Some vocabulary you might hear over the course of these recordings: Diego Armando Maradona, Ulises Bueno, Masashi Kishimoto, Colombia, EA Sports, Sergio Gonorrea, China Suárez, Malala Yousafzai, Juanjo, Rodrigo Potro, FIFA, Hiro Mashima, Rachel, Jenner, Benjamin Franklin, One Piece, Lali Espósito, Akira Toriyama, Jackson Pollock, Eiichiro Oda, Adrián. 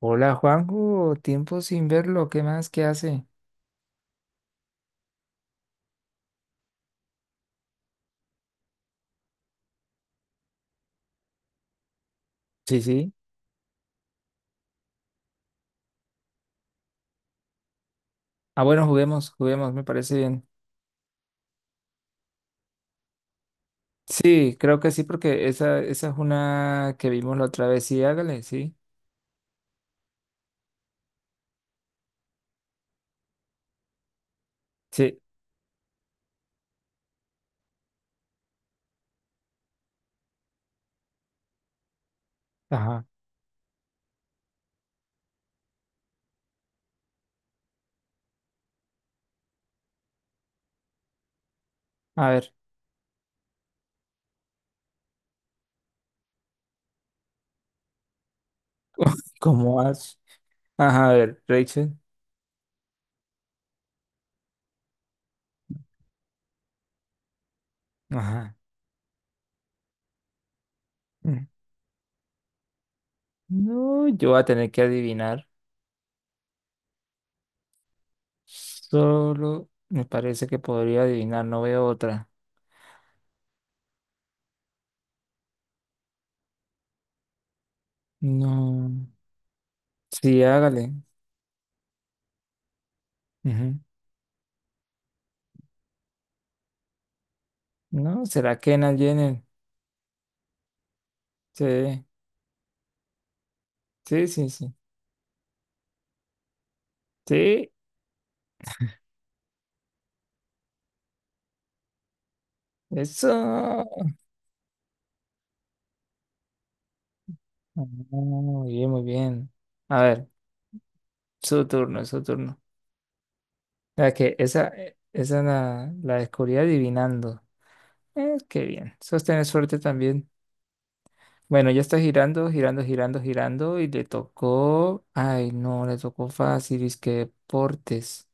Hola Juanjo, tiempo sin verlo, ¿qué más? ¿Qué hace? Sí, sí. Ah, bueno, juguemos, juguemos, me parece bien. Sí, creo que sí, porque esa es una que vimos la otra vez. Sí, hágale, sí. Sí, ajá. A ver, ¿cómo vas? Ajá, a ver, Rachel. Ajá. Mm. No, yo voy a tener que adivinar. Solo me parece que podría adivinar, no veo otra. No. Sí, hágale. Ujú. No, ¿será que en Jenner? Sí, sí, sí, sí. Sí, eso. Ah, muy bien, muy bien. A ver, su turno, su turno. La que esa, esa la descubrí adivinando. Qué bien. Sostener suerte también. Bueno, ya está girando, girando, girando, girando y le tocó. Ay, no, le tocó fácil. Es que deportes.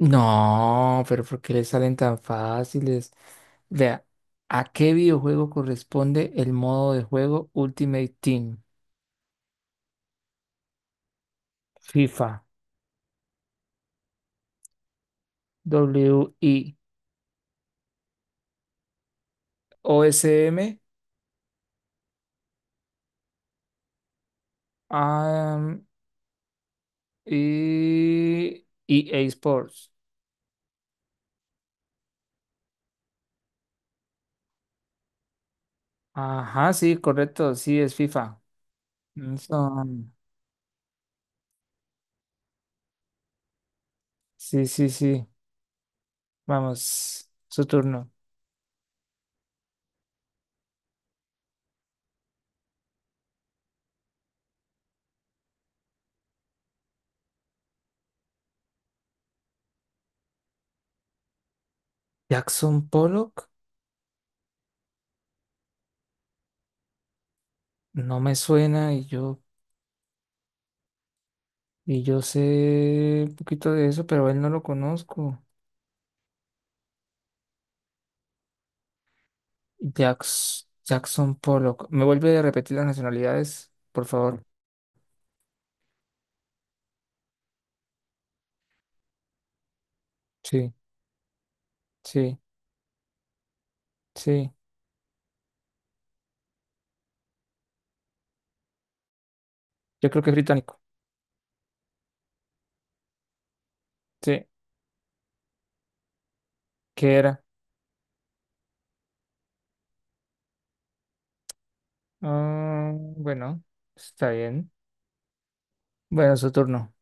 No, pero ¿por qué le salen tan fáciles? Vea, ¿a qué videojuego corresponde el modo de juego Ultimate Team? FIFA. W i o s m am, y EA Sports. Ajá, sí, correcto, sí, es FIFA. Eso, sí, sí, sí. Vamos, su turno. Jackson Pollock, no me suena, y yo sé un poquito de eso, pero a él no lo conozco. Jackson Pollock. ¿Me vuelve a repetir las nacionalidades, por favor? Sí, sí, sí. Yo creo que es británico. Sí, ¿qué era? Ah, bueno, está bien. Bueno, su turno.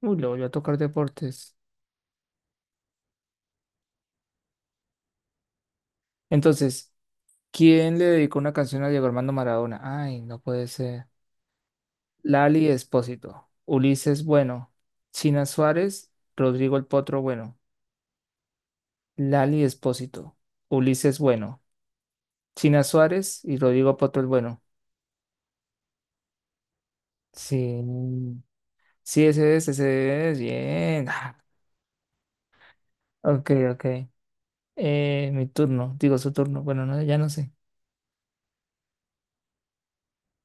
Uy, le voy a tocar deportes. Entonces, ¿quién le dedicó una canción a Diego Armando Maradona? Ay, no puede ser. Lali Espósito, Ulises Bueno, China Suárez, Rodrigo el Potro Bueno. Lali Espósito, Ulises Bueno, China Suárez y Rodrigo Potro el Bueno. Sí, sí, ese es, bien. Ah, ok, ok. Mi turno, digo su turno. Bueno, no, ya no sé.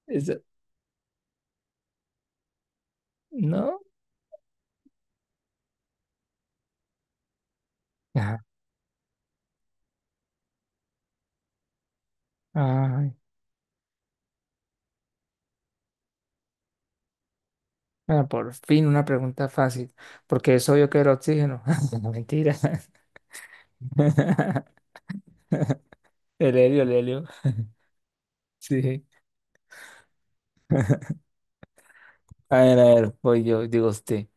¿No? Ajá. Ay, bueno, por fin una pregunta fácil, porque es obvio que era oxígeno. No, mentira. El helio, el helio. Sí. A ver, voy yo, digo usted.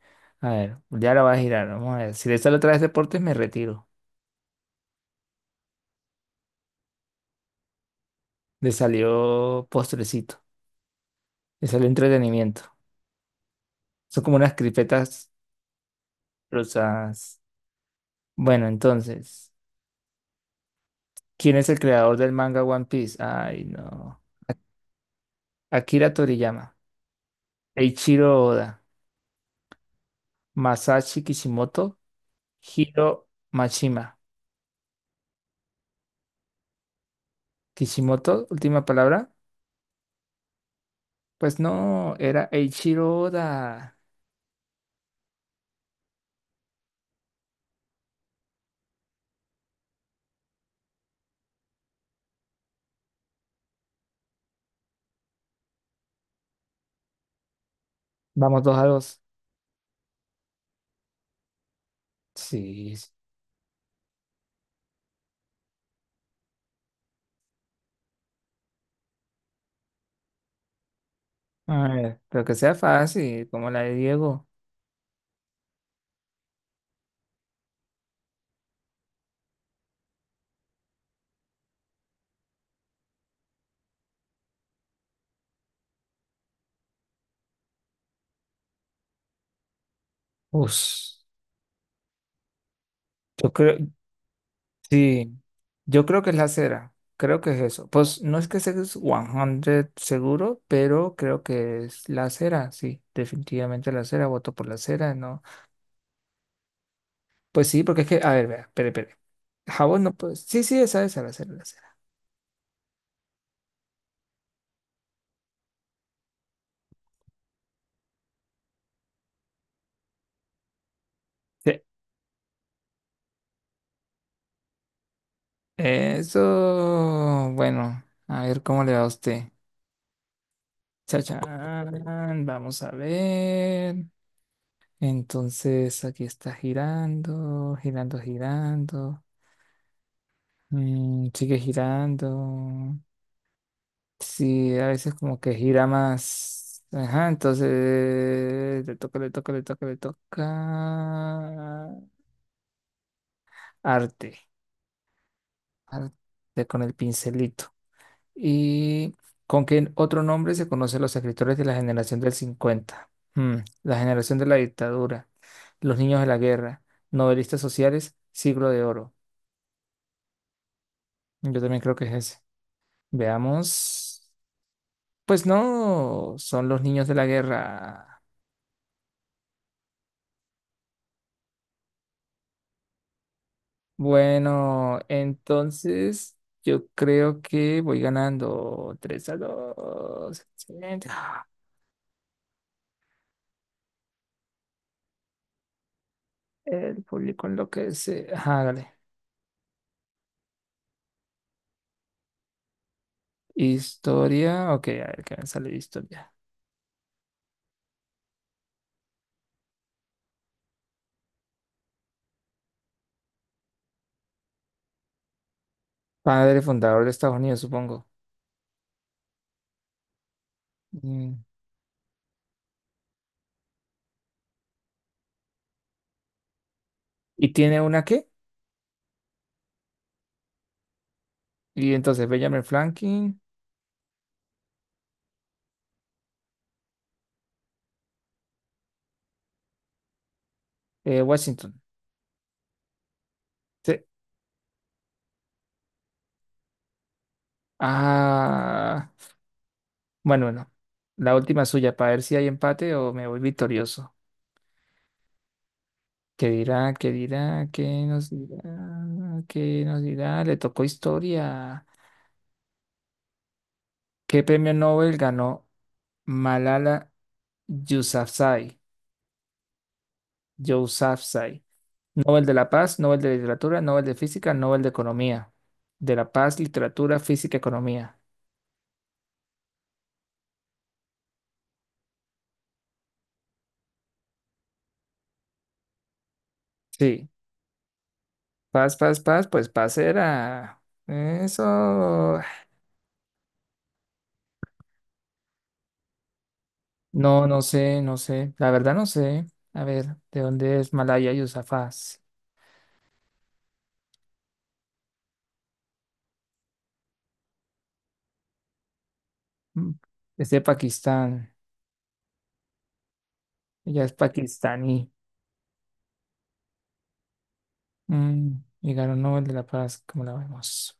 A ver, ya la va a girar, vamos a ver. Si le sale otra vez deportes, me retiro. Le salió postrecito, le salió entretenimiento. Son como unas cripetas rosas. Bueno, entonces, ¿quién es el creador del manga One Piece? Ay, no. Akira Toriyama. Eiichiro Oda. Masashi Kishimoto, Hiro Mashima. Kishimoto, última palabra. Pues no, era Eiichiro Oda. Vamos dos a dos. Sí. Sí. A ver, pero que sea fácil, como la de Diego. Ush, yo creo, sí, yo creo que es la cera. Creo que es eso. Pues no es que sea 100 seguro, pero creo que es la cera. Sí, definitivamente la cera. Voto por la cera, ¿no? Pues sí, porque es que, a ver, vea, espere, espere. Jabón no puede. Sí, sí, esa, la cera, la cera. Sí. Eso, bueno, a ver cómo le va a usted. Chachán, vamos a ver. Entonces, aquí está girando, girando, girando. Mm, sigue girando. Sí, a veces como que gira más. Ajá, entonces le toca, le toca, le toca, le toca. Arte. Arte con el pincelito. ¿Y con qué otro nombre se conocen los escritores de la generación del cincuenta? Mm. La generación de la dictadura, los niños de la guerra, novelistas sociales, siglo de oro. Yo también creo que es ese. Veamos. Pues no, son los niños de la guerra. Bueno, entonces yo creo que voy ganando tres a 2. Excelente. Ah, el público enloquece. Hágale. Historia, ok, a ver qué me sale de historia. Padre fundador de Estados Unidos, supongo. Mm, ¿y tiene una qué? Y entonces Benjamin Franklin, Washington. Sí. Ah, bueno, bueno. La última suya, para ver si hay empate o me voy victorioso. ¿Qué dirá? ¿Qué dirá? ¿Qué nos dirá? ¿Qué nos dirá? Le tocó historia. ¿Qué premio Nobel ganó Malala Yousafzai? Yousafzai. Nobel de la Paz, Nobel de Literatura, Nobel de Física, Nobel de Economía. De la Paz, Literatura, Física, Economía. Sí, paz, paz, paz, pues paz era. Eso. No, no sé, no sé. La verdad no sé. A ver, ¿de dónde es Malaya Yousafzai? Mm, es de Pakistán. Ella es pakistaní. Mm, y ganó Nobel de la Paz, como la vemos.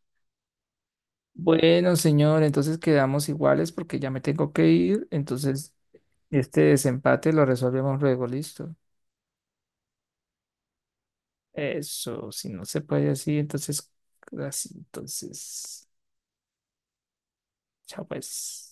Bueno, señor, entonces quedamos iguales porque ya me tengo que ir. Entonces, este desempate lo resolvemos luego, listo. Eso, si no se puede así, entonces, chao pues.